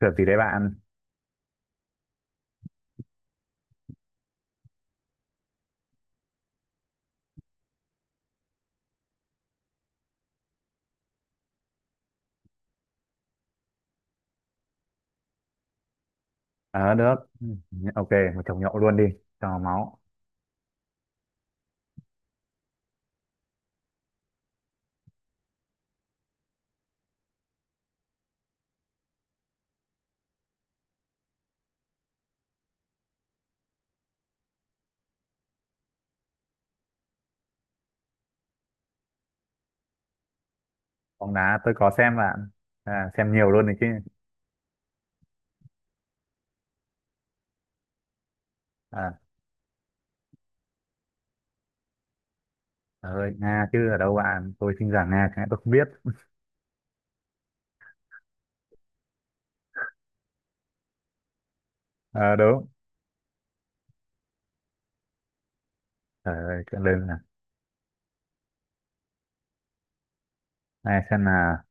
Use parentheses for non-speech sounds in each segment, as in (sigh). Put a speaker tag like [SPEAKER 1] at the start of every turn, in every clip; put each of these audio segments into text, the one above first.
[SPEAKER 1] Trượt gì đấy bạn? Ờ được. Ừ, ok, một chồng nhậu luôn đi, cho máu. Bóng đá tôi có xem bạn. À, xem nhiều luôn đấy chứ. À, trời ơi, Nga chứ ở đâu bạn? Tôi sinh ra Nga, cái tôi không biết. (laughs) Ờ đúng. Trời ơi, chuyện lên là. Này xem là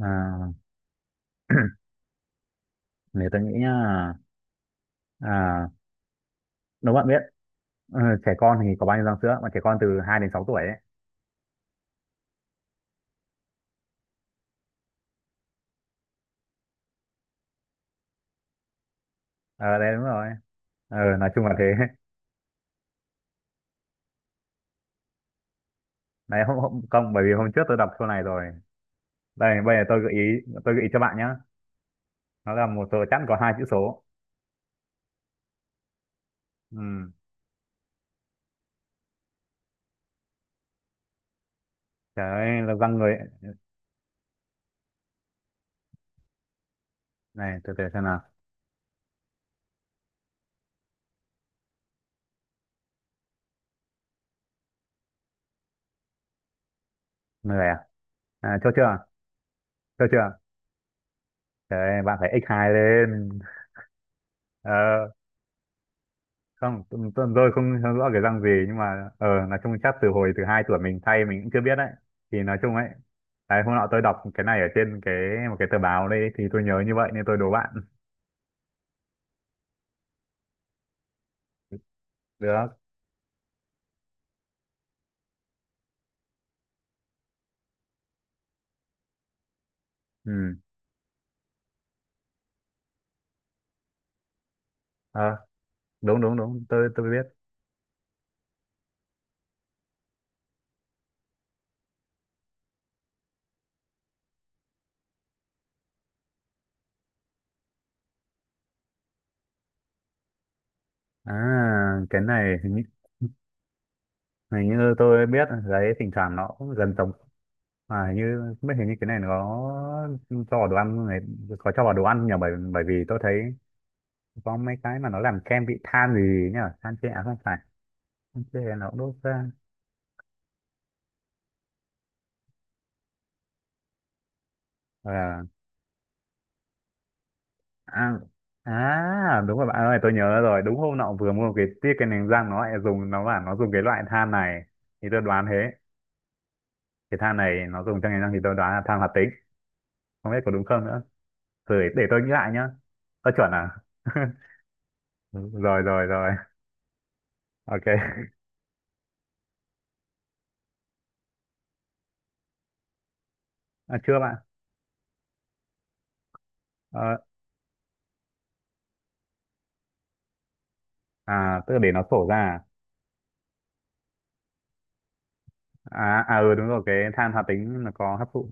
[SPEAKER 1] à, nếu tôi nghĩ nhá, à, nếu bạn biết ờ, trẻ con thì có bao nhiêu răng sữa mà trẻ con từ 2 đến 6 tuổi ấy. Ờ đấy đúng rồi. Ờ nói chung là thế. (laughs) Đấy hôm không bởi vì hôm trước tôi đọc câu này rồi. Đây bây giờ tôi gợi ý cho bạn nhá. Nó là một tờ chẵn có hai chữ số. Ừ. Trời ơi là văng người, này từ từ xem nào. Người à, à chốt chưa, chốt chưa? Trời ơi, bạn phải ích hai lên. Ờ không, tôi không hiểu rõ cái răng gì, nhưng mà nói chung chắc từ hồi từ hai tuổi mình thay mình cũng chưa biết đấy, thì nói chung ấy. Đấy, hôm nọ tôi đọc cái này ở trên một cái tờ báo đây thì tôi nhớ như vậy nên tôi đố bạn. Được. Ừ. Ờ đúng đúng đúng tôi biết. À cái này hình như tôi biết đấy, thỉnh thoảng nó cũng gần giống. À, như không biết, hình như cái này nó có cho vào đồ ăn này, có cho vào đồ ăn nhỉ, bởi bởi vì tôi thấy có mấy cái mà nó làm kem bị than gì nhỉ, than tre à, không phải, than tre nó cũng đốt ra. À, à, à đúng rồi bạn ơi, tôi nhớ rồi, đúng hôm nọ vừa mua cái tiết cái nành răng nó lại dùng, nó bảo nó dùng cái loại than này thì tôi đoán thế, cái than này nó dùng cho nành răng thì tôi đoán là than hoạt tính, không biết có đúng không nữa. Rồi để tôi nghĩ lại nhá. Tôi chuẩn à? (laughs) Rồi rồi rồi. Ok. À, chưa bạn. Ờ, à tức là để nó sổ ra. Ừ đúng rồi, cái than hoạt tính nó có hấp thụ.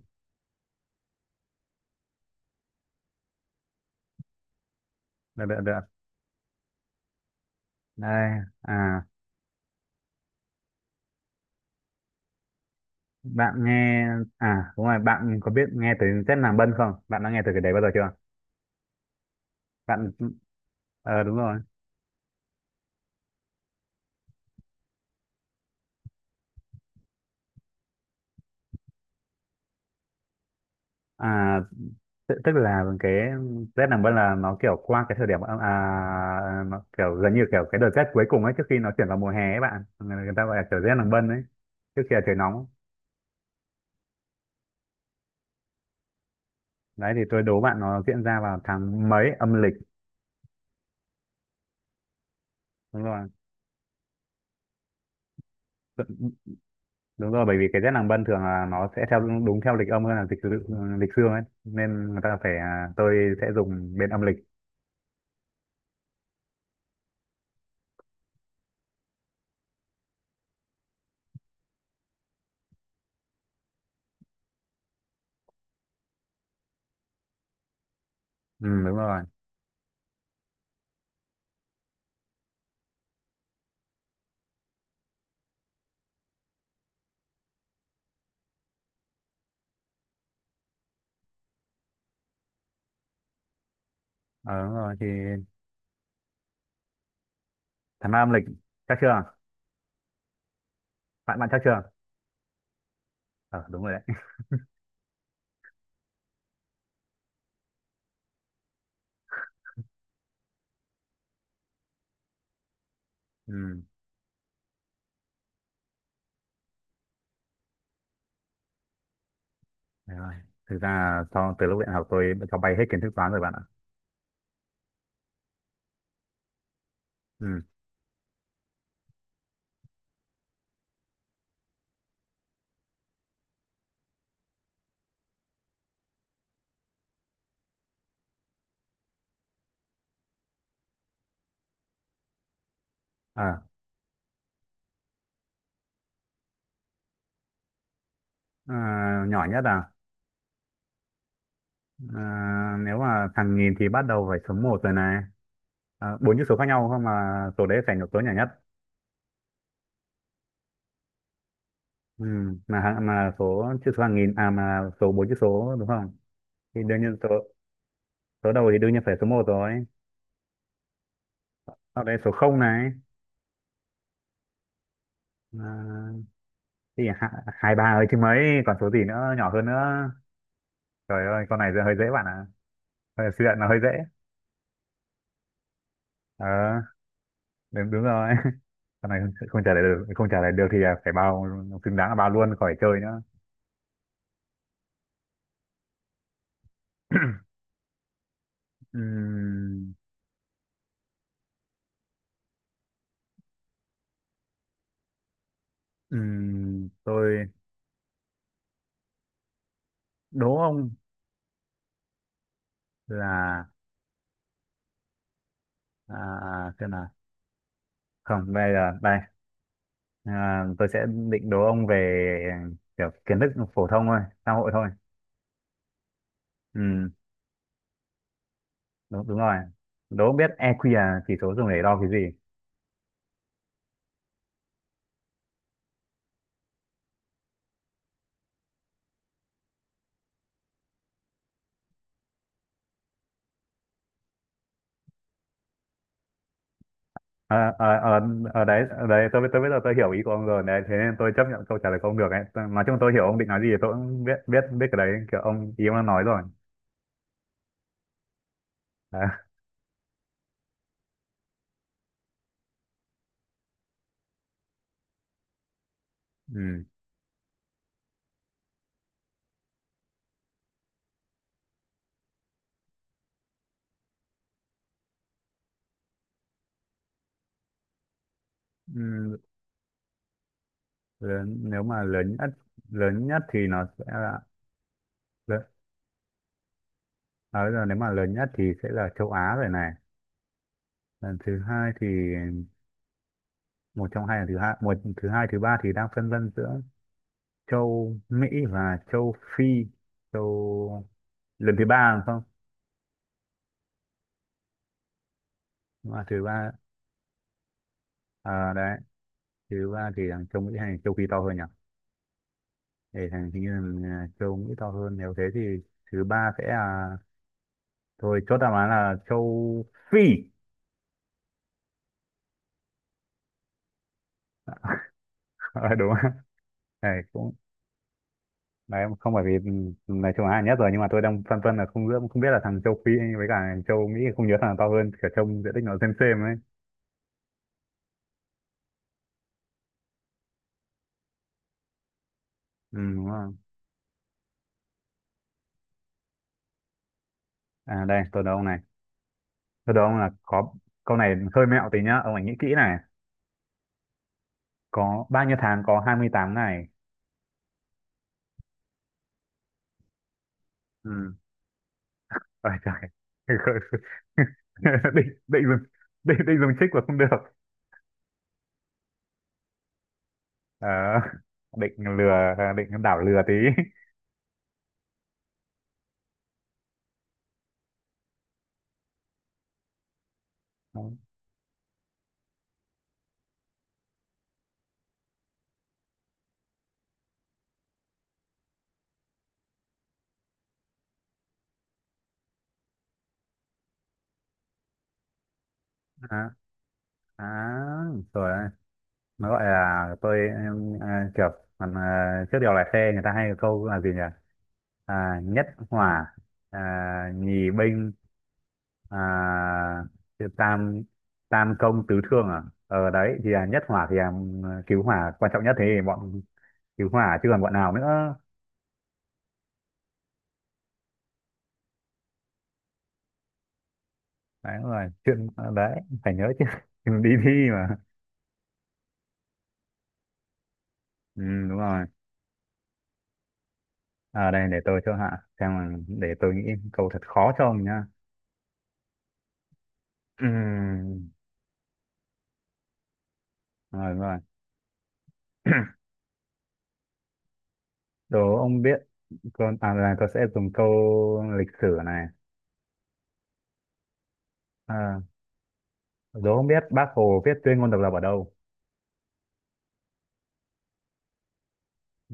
[SPEAKER 1] Được được được Đây. À, bạn nghe, à đúng rồi, bạn có biết nghe tới chất làm bân không, bạn đã nghe tới cái đấy bao giờ chưa bạn? Ờ đúng rồi. À tức tức là cái rét làm bân là nó kiểu qua cái thời điểm nó kiểu gần như kiểu cái đợt rét cuối cùng ấy trước khi nó chuyển vào mùa hè ấy bạn, người người ta gọi là kiểu rét làm bân ấy, trước khi là trời nóng. Đấy thì tôi đố bạn nó diễn ra vào tháng mấy âm lịch. Đúng rồi. Đúng rồi, bởi vì cái Tết nàng Bân thường là nó sẽ theo đúng theo lịch âm hơn là lịch dương ấy, nên người ta phải, tôi sẽ dùng bên âm lịch. Ừ, đúng rồi. Ờ, đúng rồi thì tháng năm âm lịch, chắc chưa? Bạn bạn chắc chưa? Ờ đúng rồi đấy. (laughs) Ừ, đúng rồi. Thực ra là sau từ lúc đại học tôi đã cho bay hết kiến thức toán rồi bạn ạ. Ừ. à, nhỏ nhất à, à nếu mà thằng nghìn thì bắt đầu phải số một rồi này. À, bốn chữ số khác nhau không mà, số đấy phải là số nhỏ nhất. Ừ, mà số chữ số hàng nghìn à, mà số bốn chữ số đúng không? Thì đương nhiên số số đầu thì đương nhiên phải số một rồi. Sau đấy số không này. À, thì hai hai ba ấy chứ mấy, còn số gì nữa nhỏ hơn nữa. Trời ơi con này giờ hơi dễ bạn ạ. À, suy luận là hơi dễ. Ờ đúng rồi. (laughs) Con này không trả lời được, không trả lời được thì là phải bao, xứng đáng là bao luôn khỏi chơi nữa. Ừm, tôi đố ông là à, xem nào, không bây giờ đây, à, tôi sẽ định đố ông về kiểu kiến thức phổ thông thôi, xã hội thôi. Ừ. Đúng rồi. Đố không biết EQ là chỉ số dùng để đo cái gì? à, à, à, đấy, đấy tôi, bây giờ tôi hiểu ý của ông rồi đấy, thế nên tôi chấp nhận câu trả lời của ông được ấy. Tôi- nói chung tôi hiểu ông định nói gì, thì tôi cũng biết biết biết cái đấy, kiểu ông ý ông đang nói rồi. À, (laughs) ừ, ừ, lớn, nếu mà lớn nhất, lớn nhất thì nó sẽ là, lớn, à, bây giờ nếu mà lớn nhất thì sẽ là châu Á rồi này. Lần thứ hai thì, một trong hai là thứ hai, thứ hai thứ ba thì đang phân vân giữa châu Mỹ và châu Phi, châu, lần thứ ba rồi không, mà thứ ba. À, đấy, thứ ba thì thằng châu Mỹ hay thằng châu Phi to hơn nhỉ, để thằng hình như là châu Mỹ to hơn, nếu thế thì thứ ba sẽ là, thôi chốt đáp án là châu Phi. (laughs) Ờ, đúng không? Này cũng, đấy không phải vì, ừ, này châu Á là nhất rồi nhưng mà tôi đang phân vân là không biết là thằng châu Phi với cả thằng châu Mỹ, không nhớ thằng nào to hơn cả, trông diện tích nó xem ấy. Ừ, đúng không? À đây tôi đố ông này, tôi đố ông là có, câu này hơi mẹo tí nhá, ông hãy nghĩ kỹ này, có bao nhiêu tháng có 28 ngày? Ừ. Ôi trời. (laughs) định định dùng, định định dùng trích mà không được. Ờ, định lừa, định đảo lừa tí. (laughs) À, à, rồi, nó gọi là tôi em, à, kiểu, còn à, trước điều lái xe người ta hay có câu là gì nhỉ, à, nhất hỏa, à, nhì binh, à, tam, tam công tứ thương à, ở đấy thì là nhất hỏa thì là, ừ, cứu hỏa quan trọng nhất, thế thì bọn cứu hỏa chứ còn bọn nào nữa. Đấy đúng rồi chuyện, à, đấy phải nhớ chứ. (laughs) Đừng đi thi mà. Ừ, đúng rồi. À, đây để tôi cho hạ, xem là để tôi nghĩ câu thật khó cho ông nhá. Ừ, đúng rồi. (clears throat) Đố ông biết, con à là tôi sẽ dùng câu lịch sử này, à, đố ông biết Bác Hồ viết tuyên ngôn độc lập ở đâu?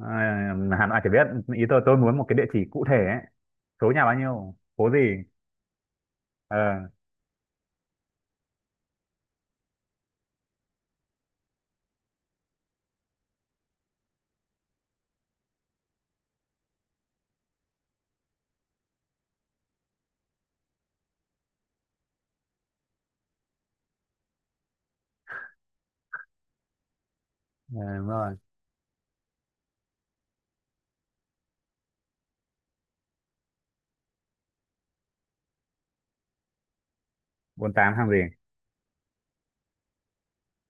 [SPEAKER 1] À, Hà Nội chỉ biết, ý tôi muốn một cái địa chỉ cụ thể ấy, số nhà bao nhiêu, phố gì. Ờ à, đúng rồi. 48 hàng gì?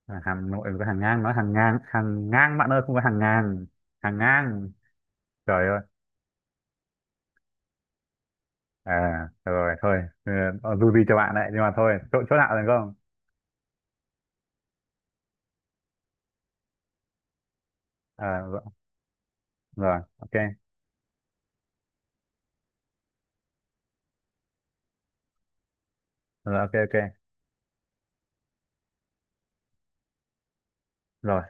[SPEAKER 1] À, Hà Nội có hàng ngang, nói hàng ngang, hàng ngang bạn ơi, không có hàng ngàn. Hàng ngang. Trời ơi. À rồi thôi, ừ, dù gì cho bạn đấy, nhưng mà thôi chỗ chỗ nào được không? À, rồi, rồi ok, rồi ok ok rồi.